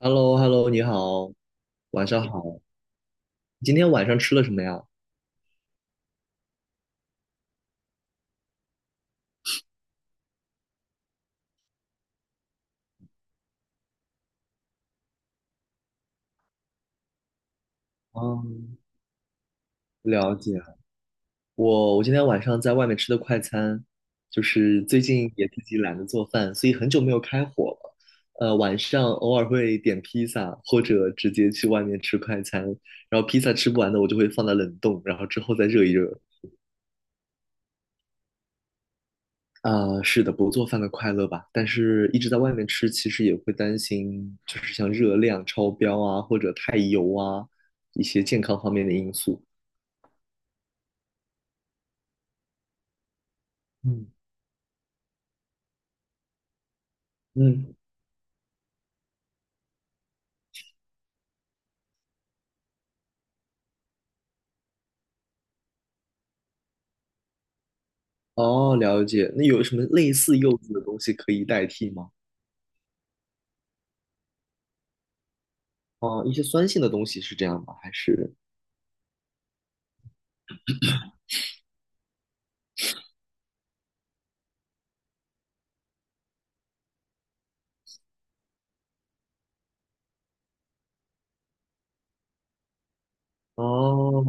h e l l o h e l l o 你好，晚上好。你今天晚上吃了什么呀？嗯。了解。我今天晚上在外面吃的快餐，就是最近也自己懒得做饭，所以很久没有开火了。晚上偶尔会点披萨，或者直接去外面吃快餐。然后披萨吃不完的，我就会放在冷冻，然后之后再热一热。啊，是的，不做饭的快乐吧。但是一直在外面吃，其实也会担心，就是像热量超标啊，或者太油啊，一些健康方面的因素。嗯。嗯。哦，了解。那有什么类似柚子的东西可以代替吗？哦，一些酸性的东西是这样吗？还是？哦。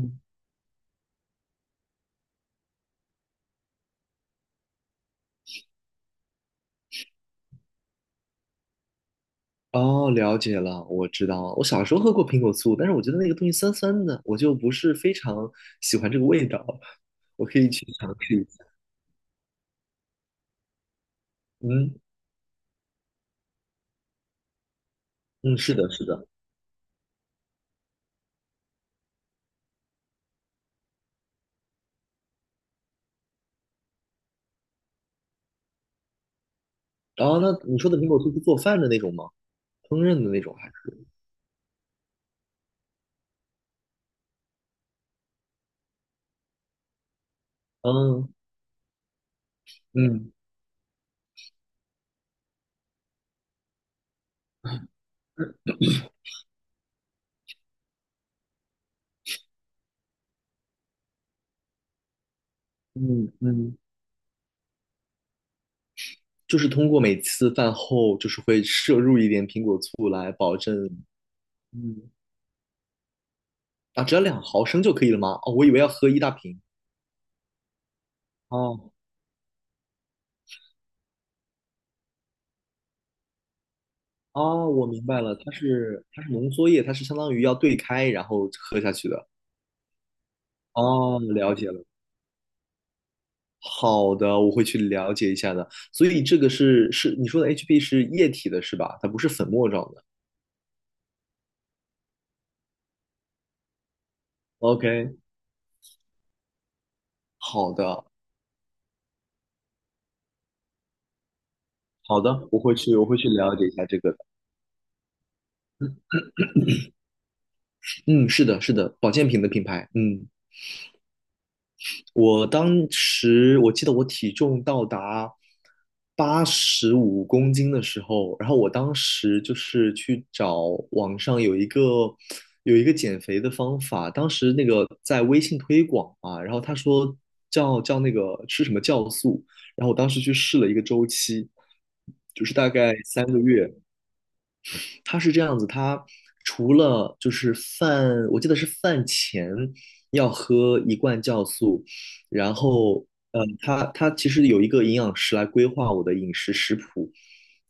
哦，了解了，我知道了我小时候喝过苹果醋，但是我觉得那个东西酸酸的，我就不是非常喜欢这个味道。我可以去尝试一下。嗯嗯，是的，是的。哦，那你说的苹果醋是做饭的那种吗？烹饪的那种还是？嗯嗯嗯嗯，就是通过每次饭后就是会摄入一点苹果醋来保证，嗯。啊，只要2毫升就可以了吗？哦，我以为要喝一大瓶。哦。哦，我明白了，它是浓缩液，它是相当于要兑开然后喝下去的。哦，了解了。好的，我会去了解一下的。所以这个是你说的 HB 是液体的是吧？它不是粉末状的。OK，好的。好的，我会去了解一下这个的。嗯，是的，是的，保健品的品牌。嗯，我当时我记得我体重到达85公斤的时候，然后我当时就是去找网上有一个减肥的方法，当时那个在微信推广嘛，然后他说叫那个吃什么酵素，然后我当时去试了一个周期，就是大概三个月。他是这样子，他除了就是饭，我记得是饭前要喝一罐酵素，然后，他其实有一个营养师来规划我的饮食食谱，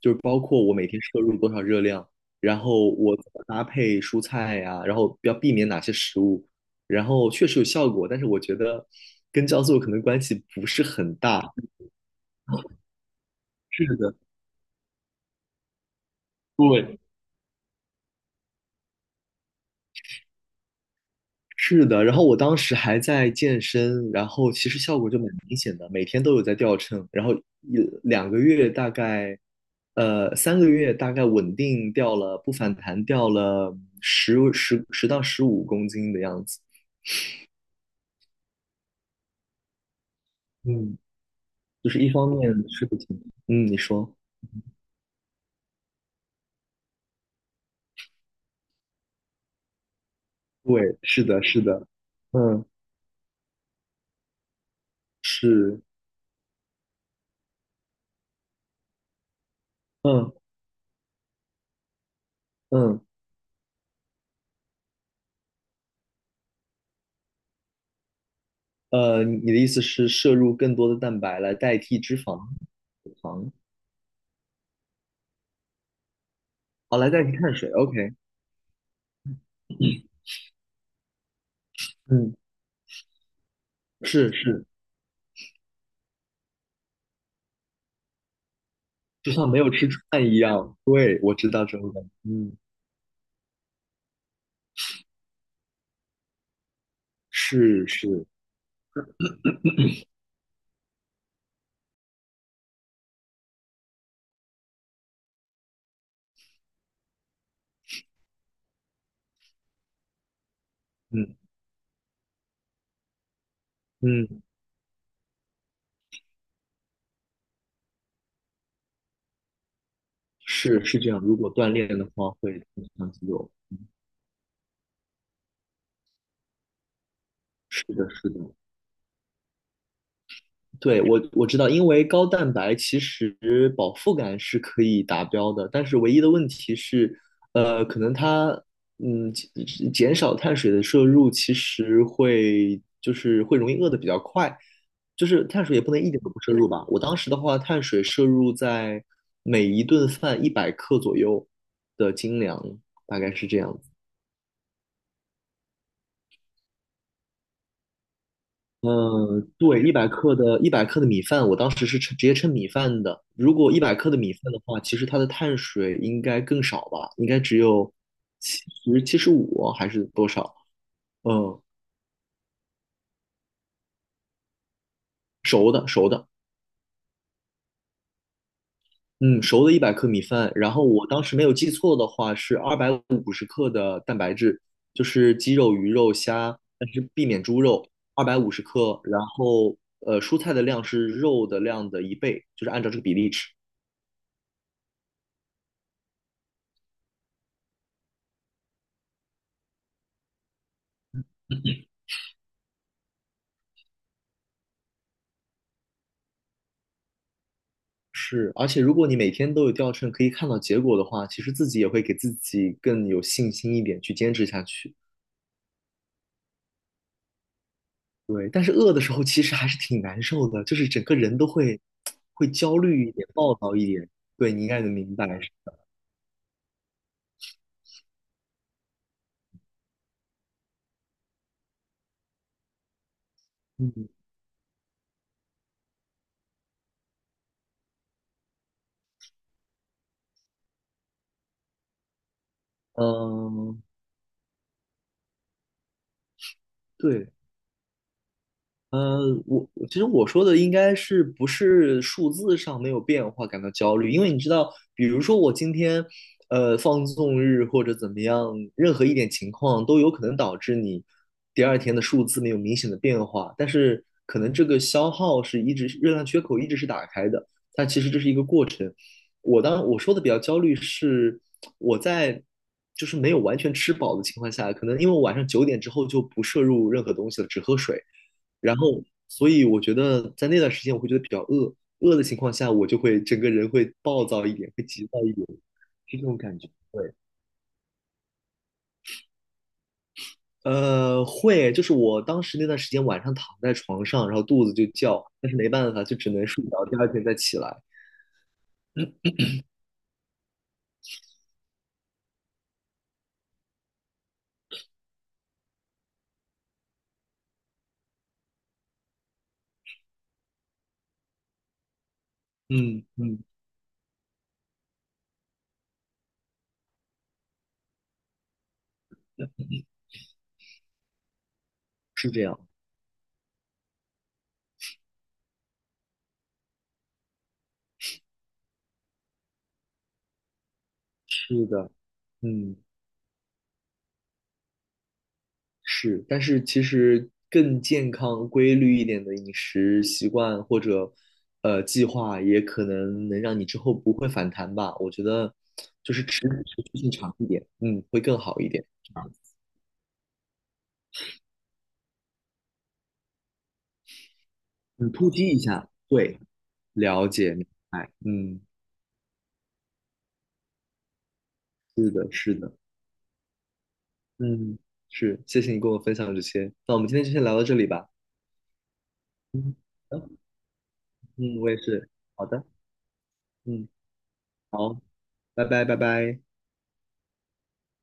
就是包括我每天摄入多少热量，然后我怎么搭配蔬菜呀、然后要避免哪些食物，然后确实有效果，但是我觉得跟酵素可能关系不是很大。是的，对，是的，然后我当时还在健身，然后其实效果就蛮明显的，每天都有在掉秤，然后一两个月大概，三个月大概稳定掉了，不反弹掉了十到十五公斤的样子。嗯，就是一方面是不挺，嗯，你说，对，是的，是的，嗯，是，嗯嗯，你的意思是摄入更多的蛋白来代替脂肪，脂肪，好，来代替碳水，OK，嗯。是是，就像没有吃饭一样。对，我知道这种感觉。嗯，是是，嗯嗯，是是这样。如果锻炼的话，会增强肌肉。是的，是的。对，我知道，因为高蛋白其实饱腹感是可以达标的，但是唯一的问题是，可能它减少碳水的摄入，其实会就是会容易饿得比较快，就是碳水也不能一点都不摄入吧。我当时的话，碳水摄入在每一顿饭一百克左右的精粮，大概是这样子。嗯，对，一百克的米饭，我当时是称直接称米饭的。如果一百克的米饭的话，其实它的碳水应该更少吧，应该只有七十75还是多少？嗯，熟的熟的，嗯，熟的一百克米饭。然后我当时没有记错的话，是二百五十克的蛋白质，就是鸡肉、鱼肉、虾，但是避免猪肉，二百五十克。然后蔬菜的量是肉的量的一倍，就是按照这个比例吃。是，而且如果你每天都有掉秤，可以看到结果的话，其实自己也会给自己更有信心一点，去坚持下去。对，但是饿的时候其实还是挺难受的，就是整个人都会焦虑一点、暴躁一点。对，你应该能明白。嗯嗯，对。呃，我其实我说的应该是不是数字上没有变化感到焦虑，因为你知道，比如说我今天，放纵日或者怎么样，任何一点情况都有可能导致你第二天的数字没有明显的变化，但是可能这个消耗是一直热量缺口一直是打开的，但其实这是一个过程。我当我说的比较焦虑是我在就是没有完全吃饱的情况下，可能因为我晚上9点之后就不摄入任何东西了，只喝水。然后，所以我觉得在那段时间，我会觉得比较饿，饿的情况下，我就会整个人会暴躁一点，会急躁一点，是这种感觉。对，会，就是我当时那段时间晚上躺在床上，然后肚子就叫，但是没办法，就只能睡着，第二天再起来。嗯嗯，是这样，是的，嗯是，但是其实更健康、规律一点的饮食习惯或者计划，也可能能让你之后不会反弹吧。我觉得时间长一点，嗯，会更好一点，嗯，突击一下，对，了解，明白，嗯，是的，是的，嗯，是，谢谢你跟我分享这些，那我们今天就先聊到这里吧，嗯，好的嗯，我也是，好的，嗯，好，拜拜，拜拜。